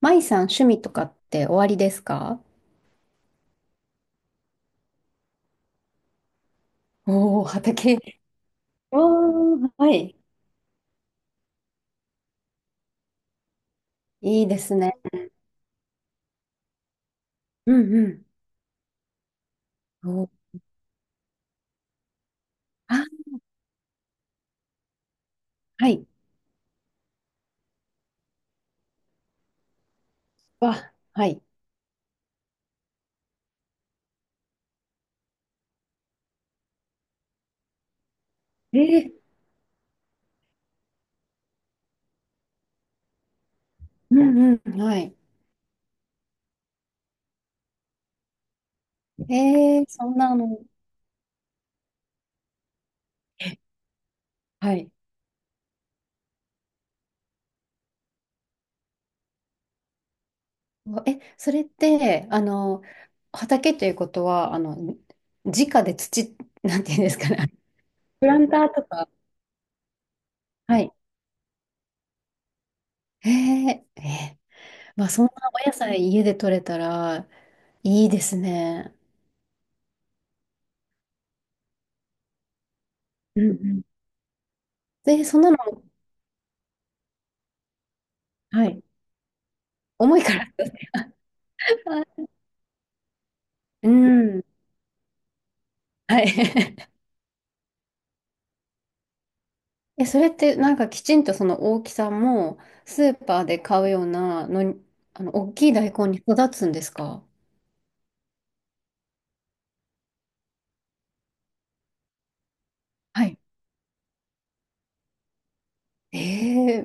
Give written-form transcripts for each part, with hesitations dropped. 舞さん、趣味とかっておありですか？おおー、畑。おー、はい。いいですね。うんうん。おー、あ、はい。わ、はい。えー、うんうん。はい。えー、そんなの。はい。え、それって、あの、畑ということは、あの、直で土、なんていうんですかね。プランターとか。はい。えー、えー、まあ、そんなお野菜家で採れたらいいですね。うんうん。で、そんなの、はい。重いから。うん。はい。え、それってなんかきちんとその大きさもスーパーで買うようなのに、あの、大きい大根に育つんですか？はい、え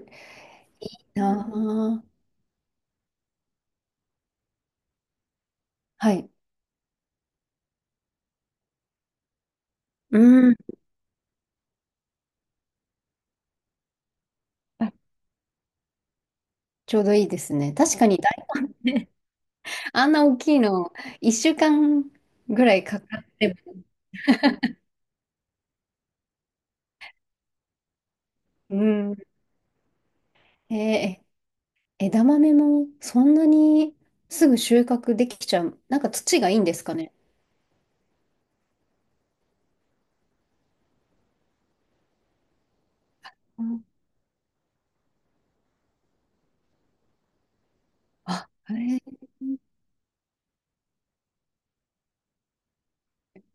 ー、なあ。はい。うん。あ、ちょうどいいですね。確かに大根、あんな大きいの、1週間ぐらいかかっても、うん。えー、枝豆もそんなにすぐ収穫できちゃう。なんか土がいいんですかね。うん、あ、へ、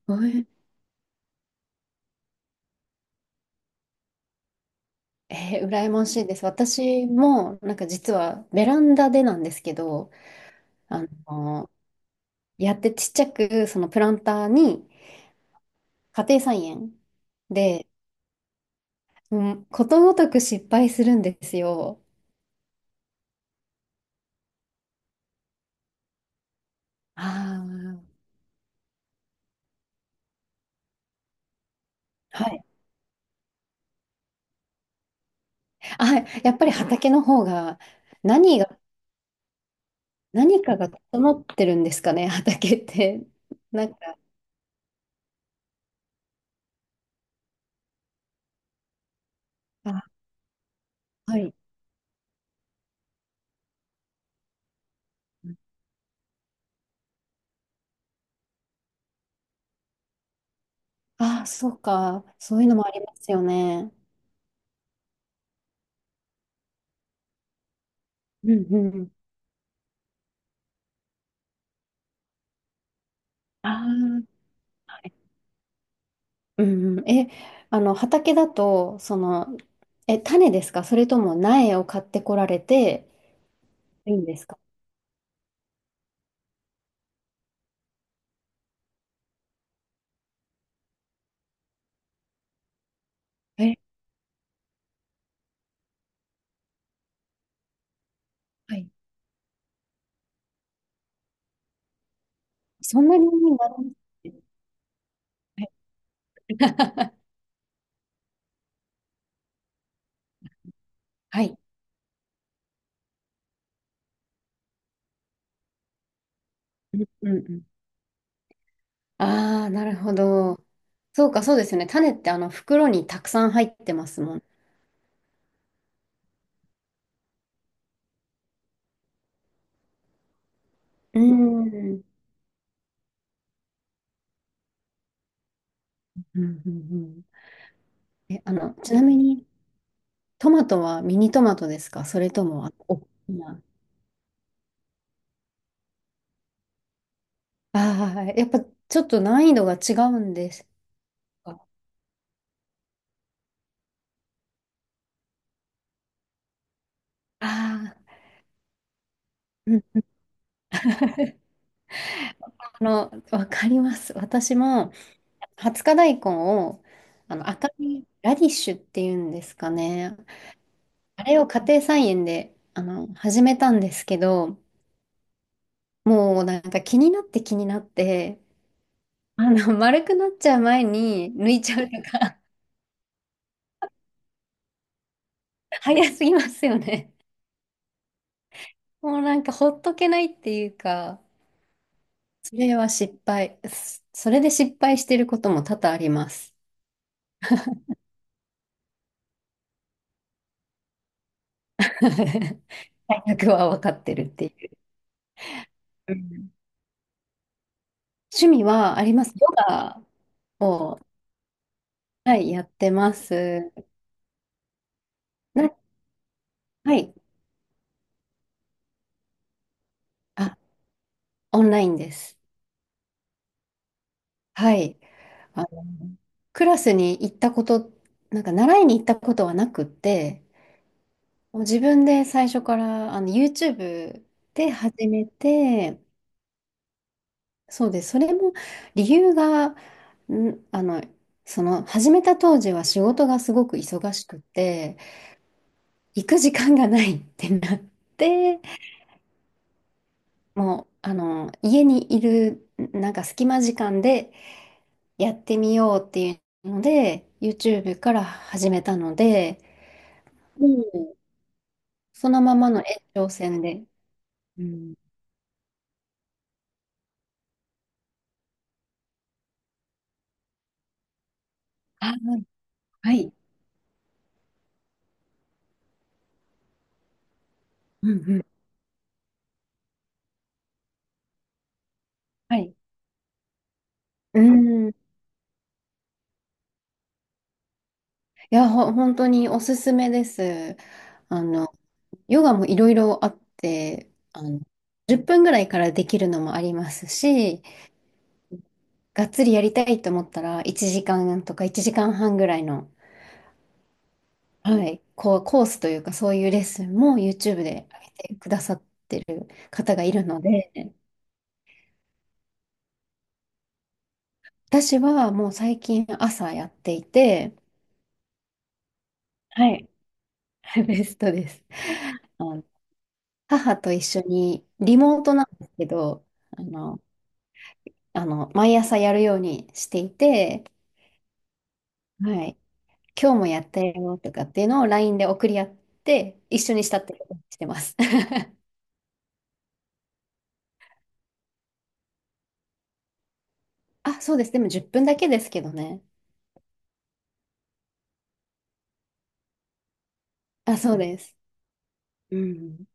おい、えー、羨ましいです。私も、なんか実はベランダでなんですけど、あの、やってちっちゃく、そのプランターに家庭菜園で、うん、ことごとく失敗するんですよ。ああ、はい。あ、やっぱり畑の方が、何が、何かが整ってるんですかね、畑って。なんか、あ、はい。ああ、そうか。そういうのもありますよね。うんうん。ああ。うんうん、え、あの、畑だと、その、え、種ですか、それとも苗を買ってこられていいんですか？え、はい。そんなになりますね。 はい。うんうん。ああ、なるほど。そうか、そうですよね。種ってあの袋にたくさん入ってますもん。うん。うんうんうん。え、あの、ちなみに、トマトはミニトマトですか、それとも、あ、おっきな、ああ、やっぱちょっと難易度が違うんですか？ああー。あの、わかります。私も、20日大根を、あの、赤いラディッシュっていうんですかね。あれを家庭菜園で、あの、始めたんですけど、もうなんか気になって気になって、あの、丸くなっちゃう前に抜いちゃうとか、早すぎますよね。もうなんかほっとけないっていうか、それは失敗。そ、それで失敗してることも多々あります。大学は分かってるっていう。趣味はあります。ヨガを、はい、やってます。な、はい。あ、オンラインです。はい。あの、クラスに行ったこと、なんか習いに行ったことはなくって、もう自分で最初からあの YouTube で始めて、そうです。それも理由が、ん、あの、その始めた当時は仕事がすごく忙しくて、行く時間がないってなって、もう、あの、家にいる、なんか隙間時間でやってみようっていうので、YouTube から始めたので、もう、そのままの延長線で。うん。あ、はい。うんうん。はい。うん。いや、本当におすすめです。あの、ヨガもいろいろあって、あの、10分ぐらいからできるのもありますし、がっつりやりたいと思ったら1時間とか1時間半ぐらいの、はい、こう、コースというか、そういうレッスンも YouTube で上げてくださってる方がいるので、私はもう最近朝やっていて、はい、ベストです。あの、母と一緒に、リモートなんですけど、あの、あの、毎朝やるようにしていて、はい、今日もやったよとかっていうのを LINE で送り合って、一緒にしたってことにしてます。あ、そうです。でも10分だけですけどね。あ、そうです。うん。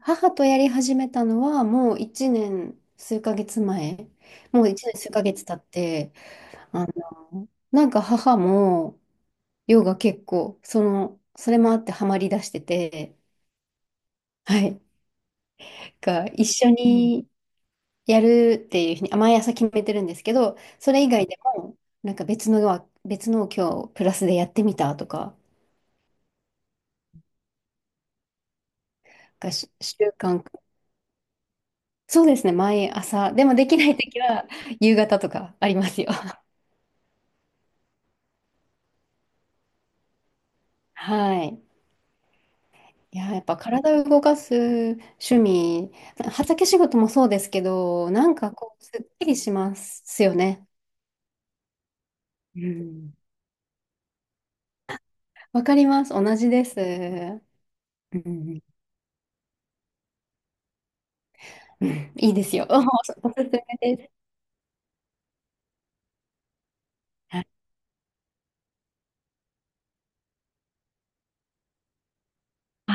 母とやり始めたのはもう1年数ヶ月前、もう1年数ヶ月経って、あの、なんか母もヨガ結構、その、それもあってハマりだしてて、はい、が一緒にやるっていうふうに、あ、毎朝決めてるんですけど、それ以外でも、なんか別のを今日プラスでやってみたとかがし、習慣、そうですね、毎朝、でもできない時は夕方とかありますよ。はい。いやー、やっぱ体を動かす趣味、畑仕事もそうですけど、なんかこう、すっきりしますよね。うん。わかります。同じです。うん。うん、いいですよ。おおすすめです。はい。あ、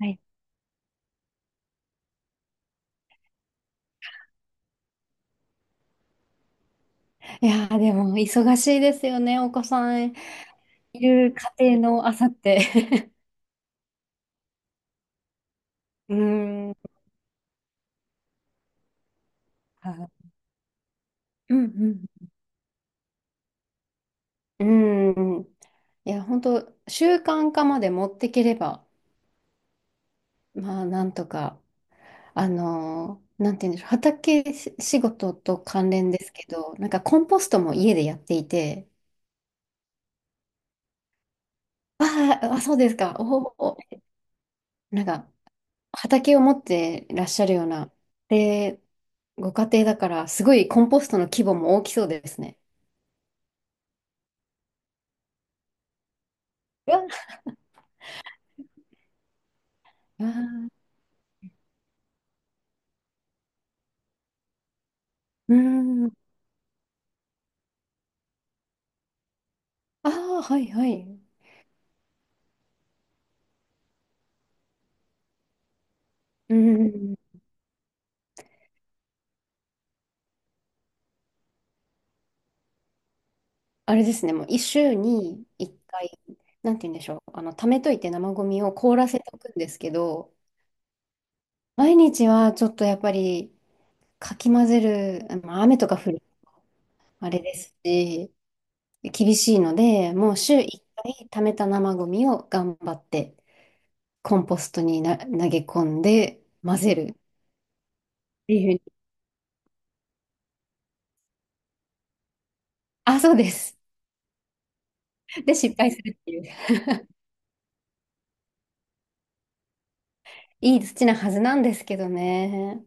はい、いやー、でも、忙しいですよね。お子さんいる家庭の朝って。うん。はい、うんうん。うん。いや、本当習慣化まで持ってければ、まあ、なんとか。あの、なんて言うんでしょう、畑し仕事と関連ですけど、なんかコンポストも家でやっていて、あーあ、そうですか、おお、なんか畑を持ってらっしゃるような、で、ご家庭だから、すごいコンポストの規模も大きそうですね。うわあー、うーん、ああ、はいはい。うーん、あれですね、もう一週に一回、なんて言うんでしょう、あの、溜めといて生ゴミを凍らせておくんですけど、毎日はちょっとやっぱり、かき混ぜる、まあ、雨とか降る、あれですし、厳しいので、もう週1回溜めた生ゴミを頑張って、コンポストにな、投げ込んで混ぜるっていうふうに。あ、そうです。で、失敗するっていう。いい土なはずなんですけどね。